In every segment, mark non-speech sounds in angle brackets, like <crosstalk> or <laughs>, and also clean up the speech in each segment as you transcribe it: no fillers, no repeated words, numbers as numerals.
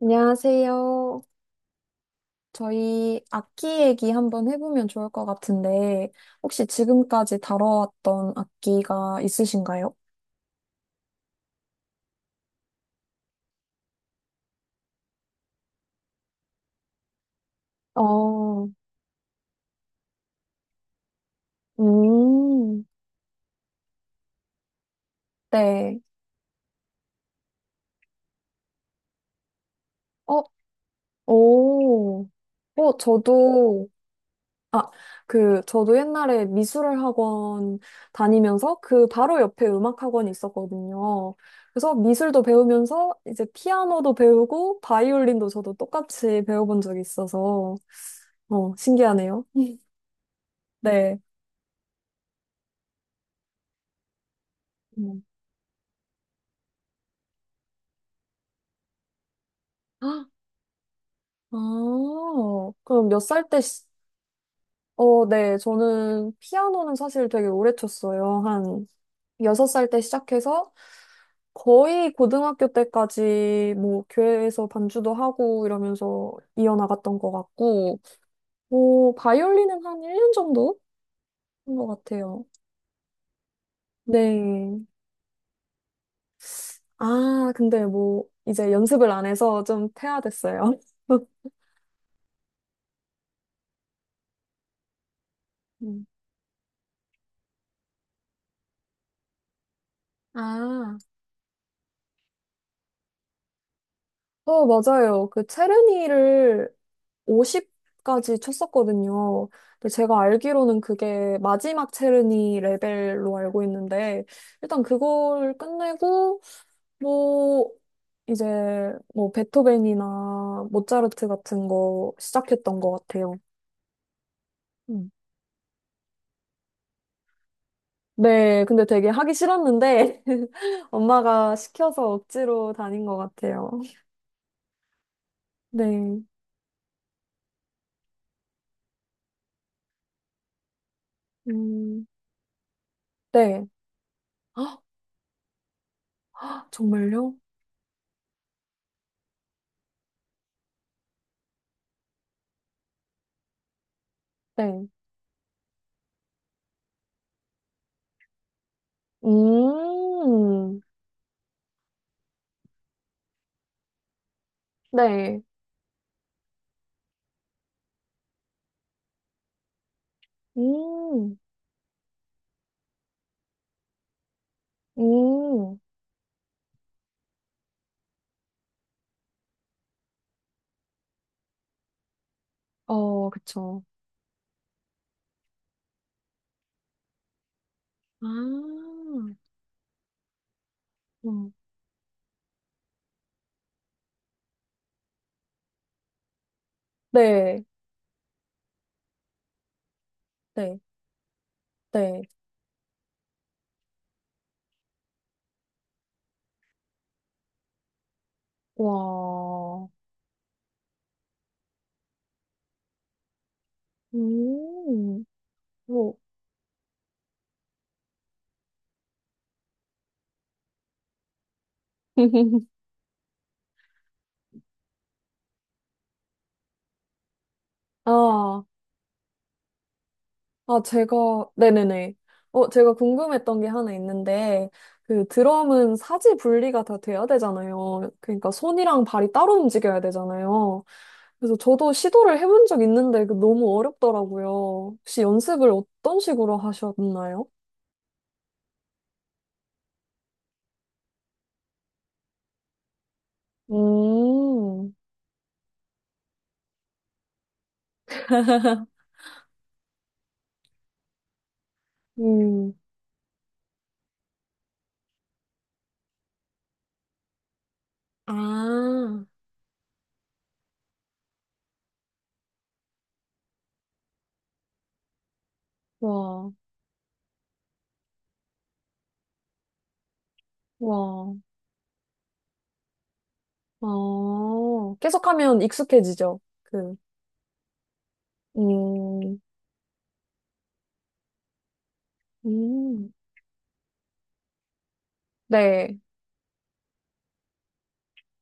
안녕하세요. 저희 악기 얘기 한번 해보면 좋을 것 같은데, 혹시 지금까지 다뤄왔던 악기가 있으신가요? 어, 음, 네. 어, 오. 어, 저도, 아, 그, 저도 옛날에 미술을 학원 다니면서 그 바로 옆에 음악 학원이 있었거든요. 그래서 미술도 배우면서 이제 피아노도 배우고 바이올린도 저도 똑같이 배워본 적이 있어서, 어, 신기하네요. 네. 음. 헉! 아, 그럼 몇 살 때, 어, 네, 저는 피아노는 사실 되게 오래 쳤어요. 한 여섯 살 때 시작해서 거의 고등학교 때까지 뭐 교회에서 반주도 하고 이러면서 이어나갔던 것 같고, 뭐 바이올린은 한 1년 정도 한 것 같아요. 네. 아, 근데 뭐 이제 연습을 안 해서 좀 퇴화됐어요. <laughs> 음. 아, 어, 맞아요. 그 체르니를 50까지 쳤었거든요. 근데 제가 알기로는 그게 마지막 체르니 레벨로 알고 있는데, 일단 그걸 끝내고, 뭐, 이제, 뭐, 베토벤이나 모차르트 같은 거 시작했던 것 같아요. 음. 네, 근데 되게 하기 싫었는데, <laughs> 엄마가 시켜서 억지로 다닌 것 같아요. 네, 음, 네. 아, 정말요? 네. 음, 네. 음, 음, 어, 그쵸. 아, 네, 네, 네. 와, 음, 뭐. <laughs> 아, 아, 제가, 네네네. 어, 제가 궁금했던 게 하나 있는데, 그 드럼은 사지 분리가 다 돼야 되잖아요. 그러니까 손이랑 발이 따로 움직여야 되잖아요. 그래서 저도 시도를 해본 적 있는데 그 너무 어렵더라고요. 혹시 연습을 어떤 식으로 하셨나요? 음, 음, 아, 와, 와, 아. 계속하면 익숙해지죠. 그, 음, 음, 네.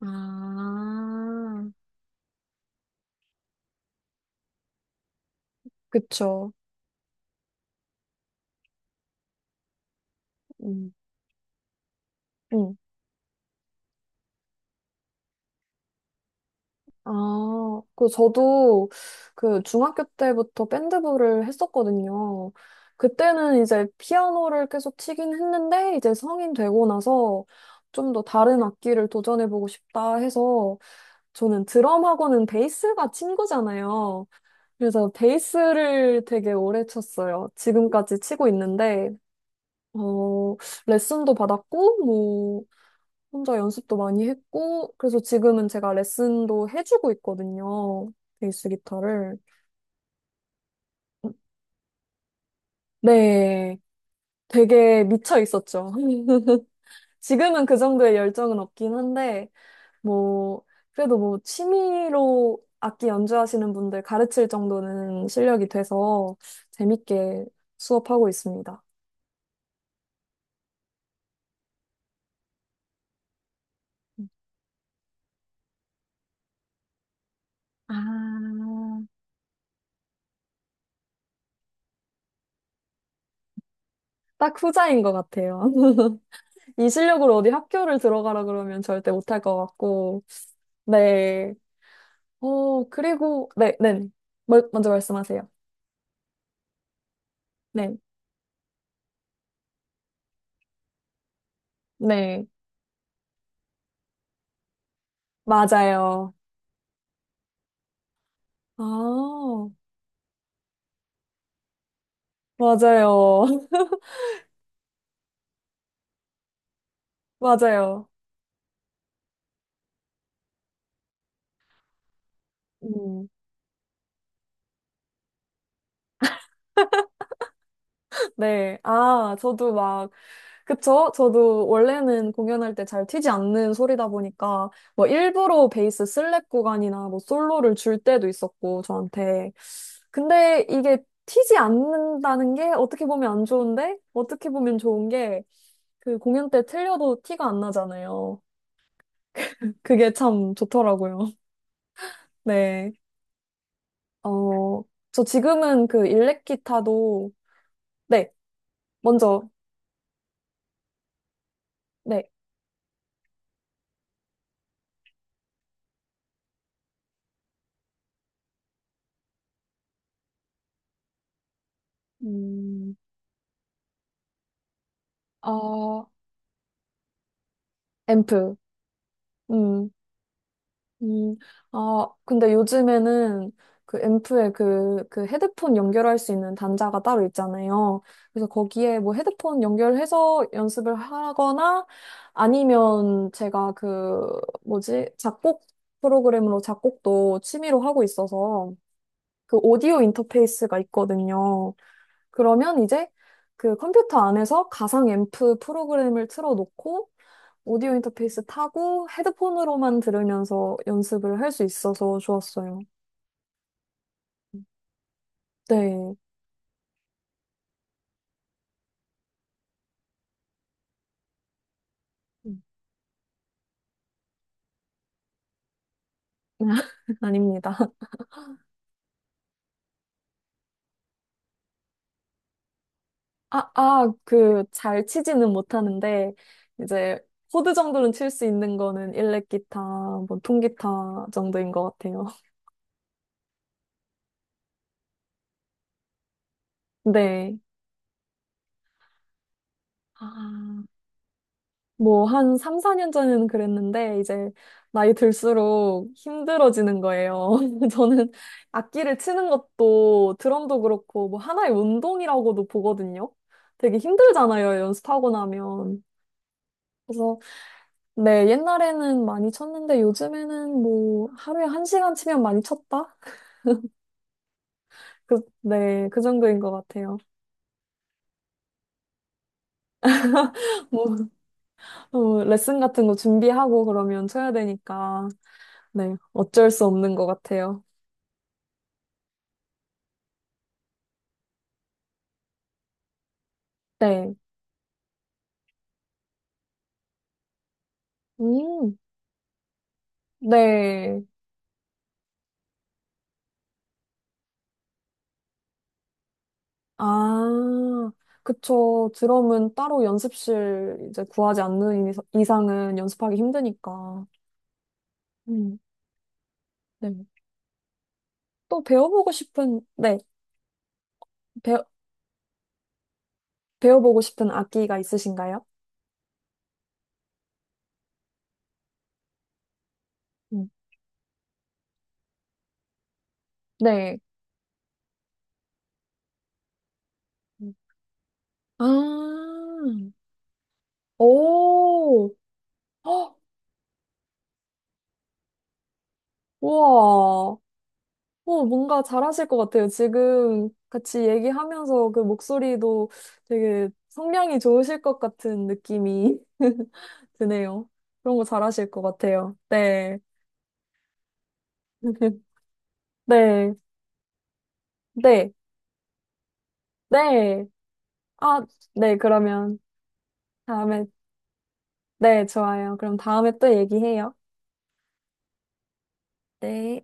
아, 그쵸. 음, 음. 아, 그, 저도 그 중학교 때부터 밴드부를 했었거든요. 그때는 이제 피아노를 계속 치긴 했는데, 이제 성인 되고 나서 좀 더 다른 악기를 도전해보고 싶다 해서, 저는 드럼하고는 베이스가 친구잖아요. 그래서 베이스를 되게 오래 쳤어요. 지금까지 치고 있는데, 어, 레슨도 받았고, 뭐, 혼자 연습도 많이 했고, 그래서 지금은 제가 레슨도 해주고 있거든요. 베이스 기타를. 네, 되게 미쳐 있었죠. <laughs> 지금은 그 정도의 열정은 없긴 한데, 뭐, 그래도 뭐, 취미로 악기 연주하시는 분들 가르칠 정도는 실력이 돼서 재밌게 수업하고 있습니다. 아, 딱 후자인 것 같아요. <laughs> 이 실력으로 어디 학교를 들어가라 그러면 절대 못할 것 같고, 네. 어, 그리고, 네, 네. 먼저 말씀하세요. 네, 네. 맞아요. 아, 맞아요. <laughs> 맞아요. 음, 네. 아, 저도 막, 그쵸? 저도 원래는 공연할 때 잘 튀지 않는 소리다 보니까, 뭐, 일부러 베이스 슬랩 구간이나 뭐, 솔로를 줄 때도 있었고, 저한테. 근데 이게 튀지 않는다는 게 어떻게 보면 안 좋은데, 어떻게 보면 좋은 게, 그 공연 때 틀려도 티가 안 나잖아요. 그게 참 좋더라고요. <laughs> 네. 어, 저 지금은 그 일렉 기타도, 네, 먼저, 네, 음, 아, 앰프. 음, 음, 아, 근데 요즘에는 그 앰프에 그, 그 헤드폰 연결할 수 있는 단자가 따로 있잖아요. 그래서 거기에 뭐 헤드폰 연결해서 연습을 하거나 아니면 제가 그, 뭐지, 작곡 프로그램으로 작곡도 취미로 하고 있어서 그 오디오 인터페이스가 있거든요. 그러면 이제 그 컴퓨터 안에서 가상 앰프 프로그램을 틀어놓고 오디오 인터페이스 타고 헤드폰으로만 들으면서 연습을 할 수 있어서 좋았어요. 네. 음. <laughs> 아닙니다. 아, 아, 그, 잘 치지는 못하는데, 이제, 코드 정도는 칠 수 있는 거는 일렉기타, 뭐, 통기타 정도인 것 같아요. <laughs> 네. 아. 뭐, 한 3, 4년 전에는 그랬는데, 이제, 나이 들수록 힘들어지는 거예요. <laughs> 저는 악기를 치는 것도, 드럼도 그렇고, 뭐, 하나의 운동이라고도 보거든요. 되게 힘들잖아요, 연습하고 나면. 그래서, 네, 옛날에는 많이 쳤는데, 요즘에는 뭐, 하루에 한 시간 치면 많이 쳤다? <laughs> 그, 네, 그 정도인 것 같아요. <laughs> 뭐, 어, 레슨 같은 거 준비하고 그러면 쳐야 되니까, 네, 어쩔 수 없는 것 같아요. 네. 음. 네. 아, 그쵸. 드럼은 따로 연습실 이제 구하지 않는 이상은 연습하기 힘드니까. 음, 네. 또 배워보고 싶은, 네. 배, 배워보고 싶은 악기가 있으신가요? 음, 네. 아, 오, 헉, 우와. 어, 뭔가 잘하실 것 같아요. 지금 같이 얘기하면서 그 목소리도 되게 성량이 좋으실 것 같은 느낌이 <laughs> 드네요. 그런 거 잘하실 것 같아요. 네. <laughs> 네. 네. 네. 아, 네. 그러면 다음에, 네, 좋아요. 그럼 다음에 또 얘기해요. 네.